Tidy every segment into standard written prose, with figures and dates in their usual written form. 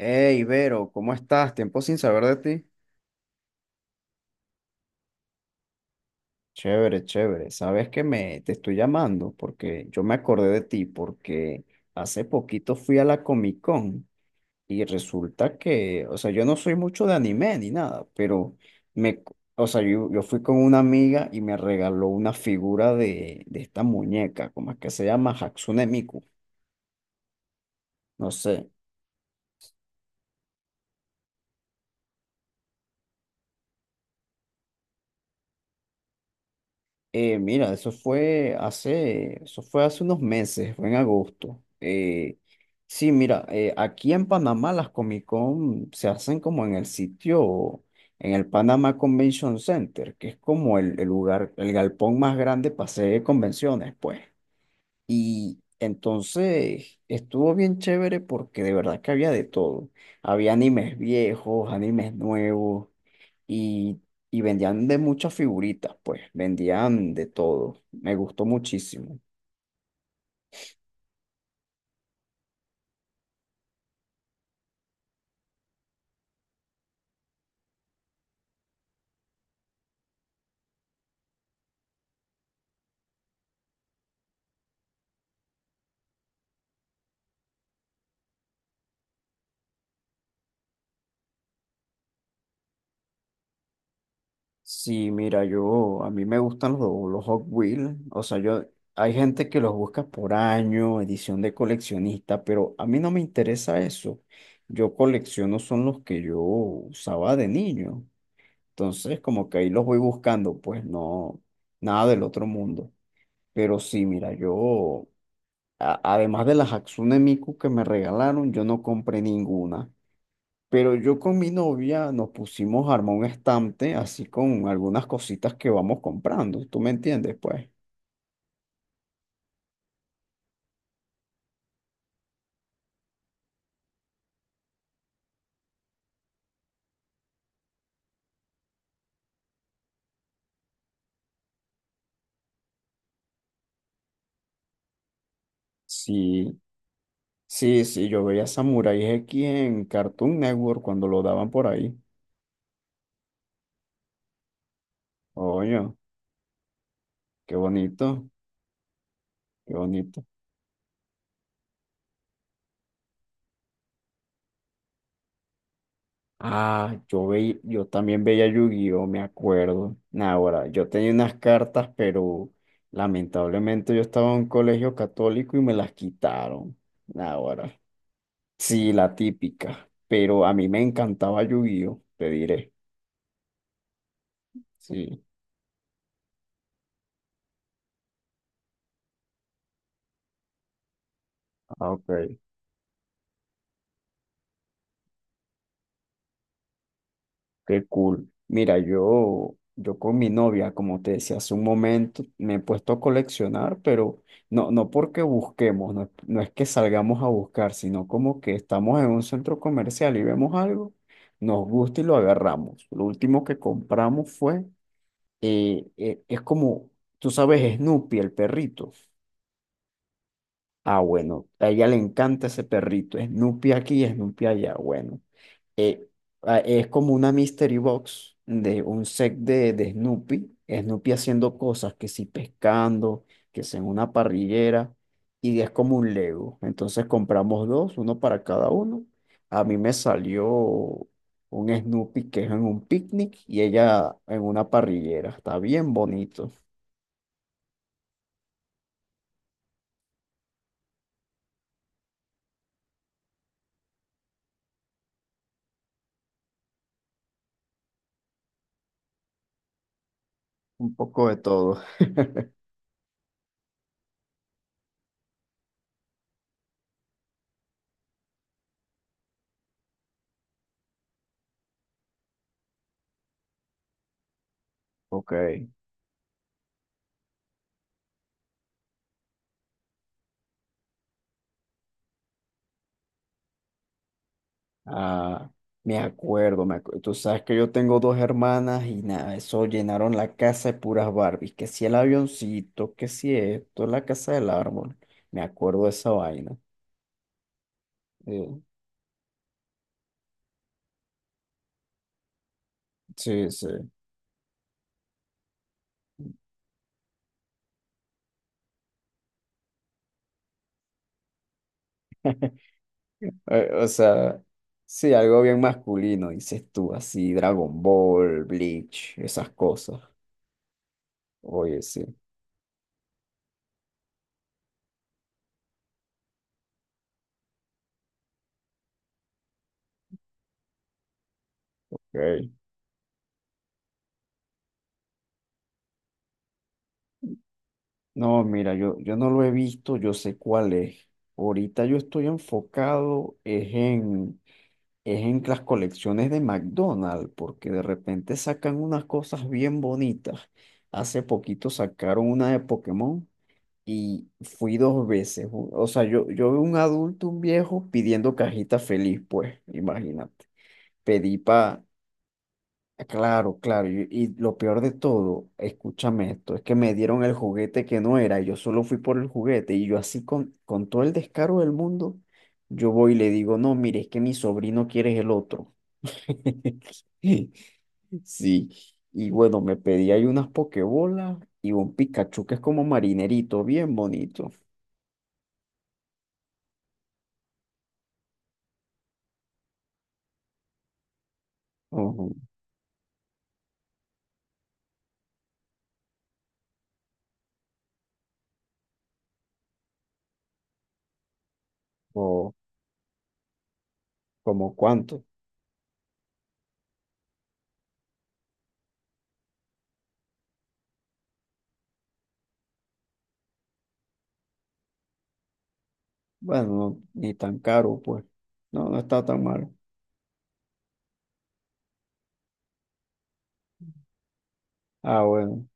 Hey, Vero, ¿cómo estás? Tiempo sin saber de ti. Chévere, chévere. Sabes que me te estoy llamando porque yo me acordé de ti porque hace poquito fui a la Comic Con y resulta que, o sea, yo no soy mucho de anime ni nada, pero me, o sea, yo fui con una amiga y me regaló una figura de esta muñeca, ¿cómo es que se llama? Hatsune Miku. No sé. Eso fue hace unos meses, fue en agosto. Sí, mira, aquí en Panamá las Comic Con se hacen como en el sitio, en el Panama Convention Center, que es como el lugar, el galpón más grande para hacer convenciones, pues. Y entonces estuvo bien chévere porque de verdad que había de todo. Había animes viejos, animes nuevos y, y vendían de muchas figuritas, pues, vendían de todo. Me gustó muchísimo. Sí, mira, yo, a mí me gustan los Hot Wheels, o sea, yo, hay gente que los busca por año, edición de coleccionista, pero a mí no me interesa eso. Yo colecciono son los que yo usaba de niño, entonces como que ahí los voy buscando, pues no, nada del otro mundo. Pero sí, mira, yo además de las Hatsune Miku que me regalaron, yo no compré ninguna. Pero yo con mi novia nos pusimos a armar un estante así con algunas cositas que vamos comprando. ¿Tú me entiendes? Pues sí, sí, sí, yo veía Samurai X en Cartoon Network cuando lo daban por ahí. Oye, qué bonito, qué bonito. Ah, yo también veía Yu-Gi-Oh, me acuerdo. Nah, ahora, yo tenía unas cartas, pero lamentablemente yo estaba en un colegio católico y me las quitaron. Nah, ahora, sí, la típica. Pero a mí me encantaba Yu-Gi-Oh, te diré. Sí. Ah, ok. Qué cool. Mira, yo con mi novia, como te decía hace un momento, me he puesto a coleccionar, pero no, no porque busquemos, no, no es que salgamos a buscar, sino como que estamos en un centro comercial y vemos algo, nos gusta y lo agarramos. Lo último que compramos fue, es como, tú sabes, Snoopy, el perrito. Ah, bueno, a ella le encanta ese perrito, Snoopy aquí, Snoopy allá, bueno eh, es como una mystery box de un set de Snoopy, Snoopy haciendo cosas, que si pescando, que si en una parrillera, y es como un Lego. Entonces compramos dos, uno para cada uno. A mí me salió un Snoopy que es en un picnic y ella en una parrillera. Está bien bonito, un poco de todo. Ok. Ah, me acuerdo, me acuerdo. Tú sabes que yo tengo dos hermanas y nada, eso llenaron la casa de puras Barbies. Que si el avioncito, que si esto, la casa del árbol. Me acuerdo de esa vaina. Eh, sí, sí. Eh, o sea, sí, algo bien masculino, dices tú, así, Dragon Ball, Bleach, esas cosas. Oye, sí. Ok. No, mira, yo no lo he visto, yo sé cuál es. Ahorita yo estoy enfocado es en las colecciones de McDonald's, porque de repente sacan unas cosas bien bonitas. Hace poquito sacaron una de Pokémon y fui dos veces. O sea, yo, yo vi un adulto, un viejo, pidiendo cajita feliz, pues, imagínate. Pedí para... Claro, claro. Y lo peor de todo, escúchame esto, es que me dieron el juguete que no era, y yo solo fui por el juguete y yo así con todo el descaro del mundo, yo voy y le digo, no, mire, es que mi sobrino quiere el otro. Sí, y bueno, me pedí ahí unas pokebolas y un Pikachu que es como marinerito, bien bonito. Ujú. O como cuánto. Bueno, no, ni tan caro, pues. No, no está tan mal. Ah, bueno.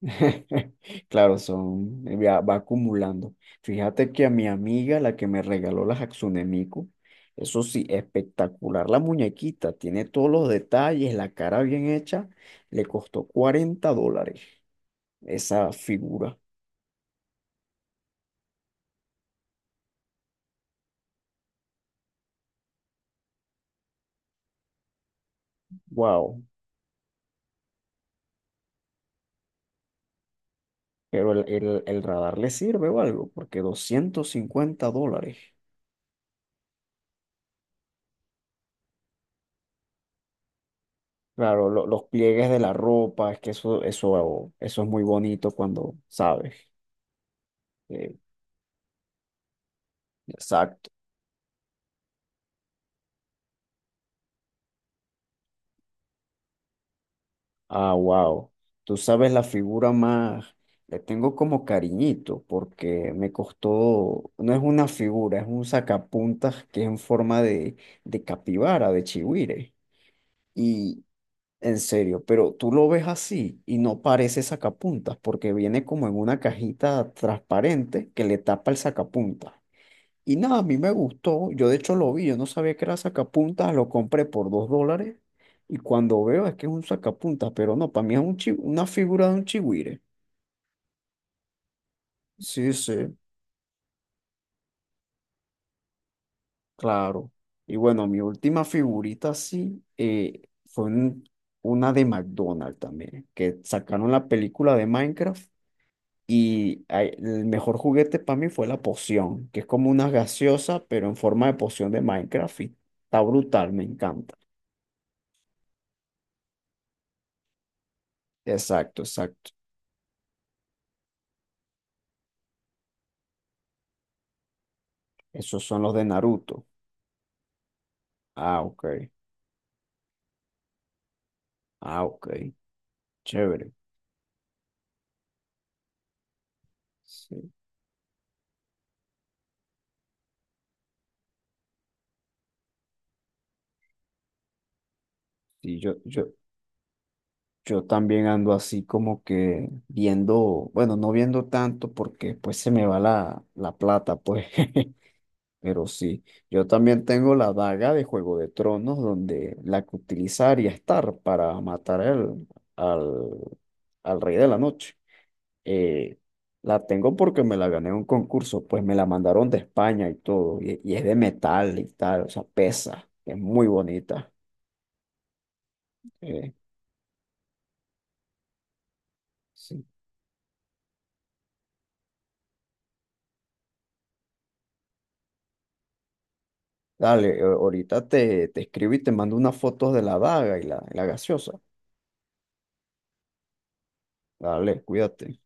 Claro, son, ya va acumulando. Fíjate que a mi amiga, la que me regaló las Hatsune Miku, eso sí, espectacular la muñequita, tiene todos los detalles, la cara bien hecha, le costó $40. Esa figura. Wow. Pero el radar le sirve o algo, porque $250. Claro, los pliegues de la ropa, es que eso es muy bonito cuando sabes. Eh, exacto. Ah, wow. Tú sabes la figura más. Le tengo como cariñito, porque me costó. No es una figura, es un sacapuntas que es en forma de capibara, de chigüire. En serio, pero tú lo ves así y no parece sacapuntas porque viene como en una cajita transparente que le tapa el sacapuntas. Y nada, a mí me gustó, yo de hecho lo vi, yo no sabía que era sacapuntas, lo compré por $2 y cuando veo es que es un sacapuntas, pero no, para mí es un una figura de un chigüire. Sí, sí, claro. Y bueno, mi última figurita así fue una de McDonald's también, que sacaron la película de Minecraft. Y ay, el mejor juguete para mí fue la poción, que es como una gaseosa, pero en forma de poción de Minecraft. Y está brutal, me encanta. Exacto, exacto. Esos son los de Naruto. Ah, ok. Ah, ok. Chévere. Sí. Y yo, yo, yo también ando así como que viendo, bueno, no viendo tanto porque pues se me va la plata, pues. Pero sí, yo también tengo la daga de Juego de Tronos, donde la que utilizaría estar para matar al, al Rey de la Noche. Eh, la tengo porque me la gané en un concurso, pues me la mandaron de España y todo, y es de metal y tal, o sea, pesa, es muy bonita. Eh, sí. Dale, ahorita te escribo y te mando unas fotos de la daga y y la gaseosa. Dale, cuídate.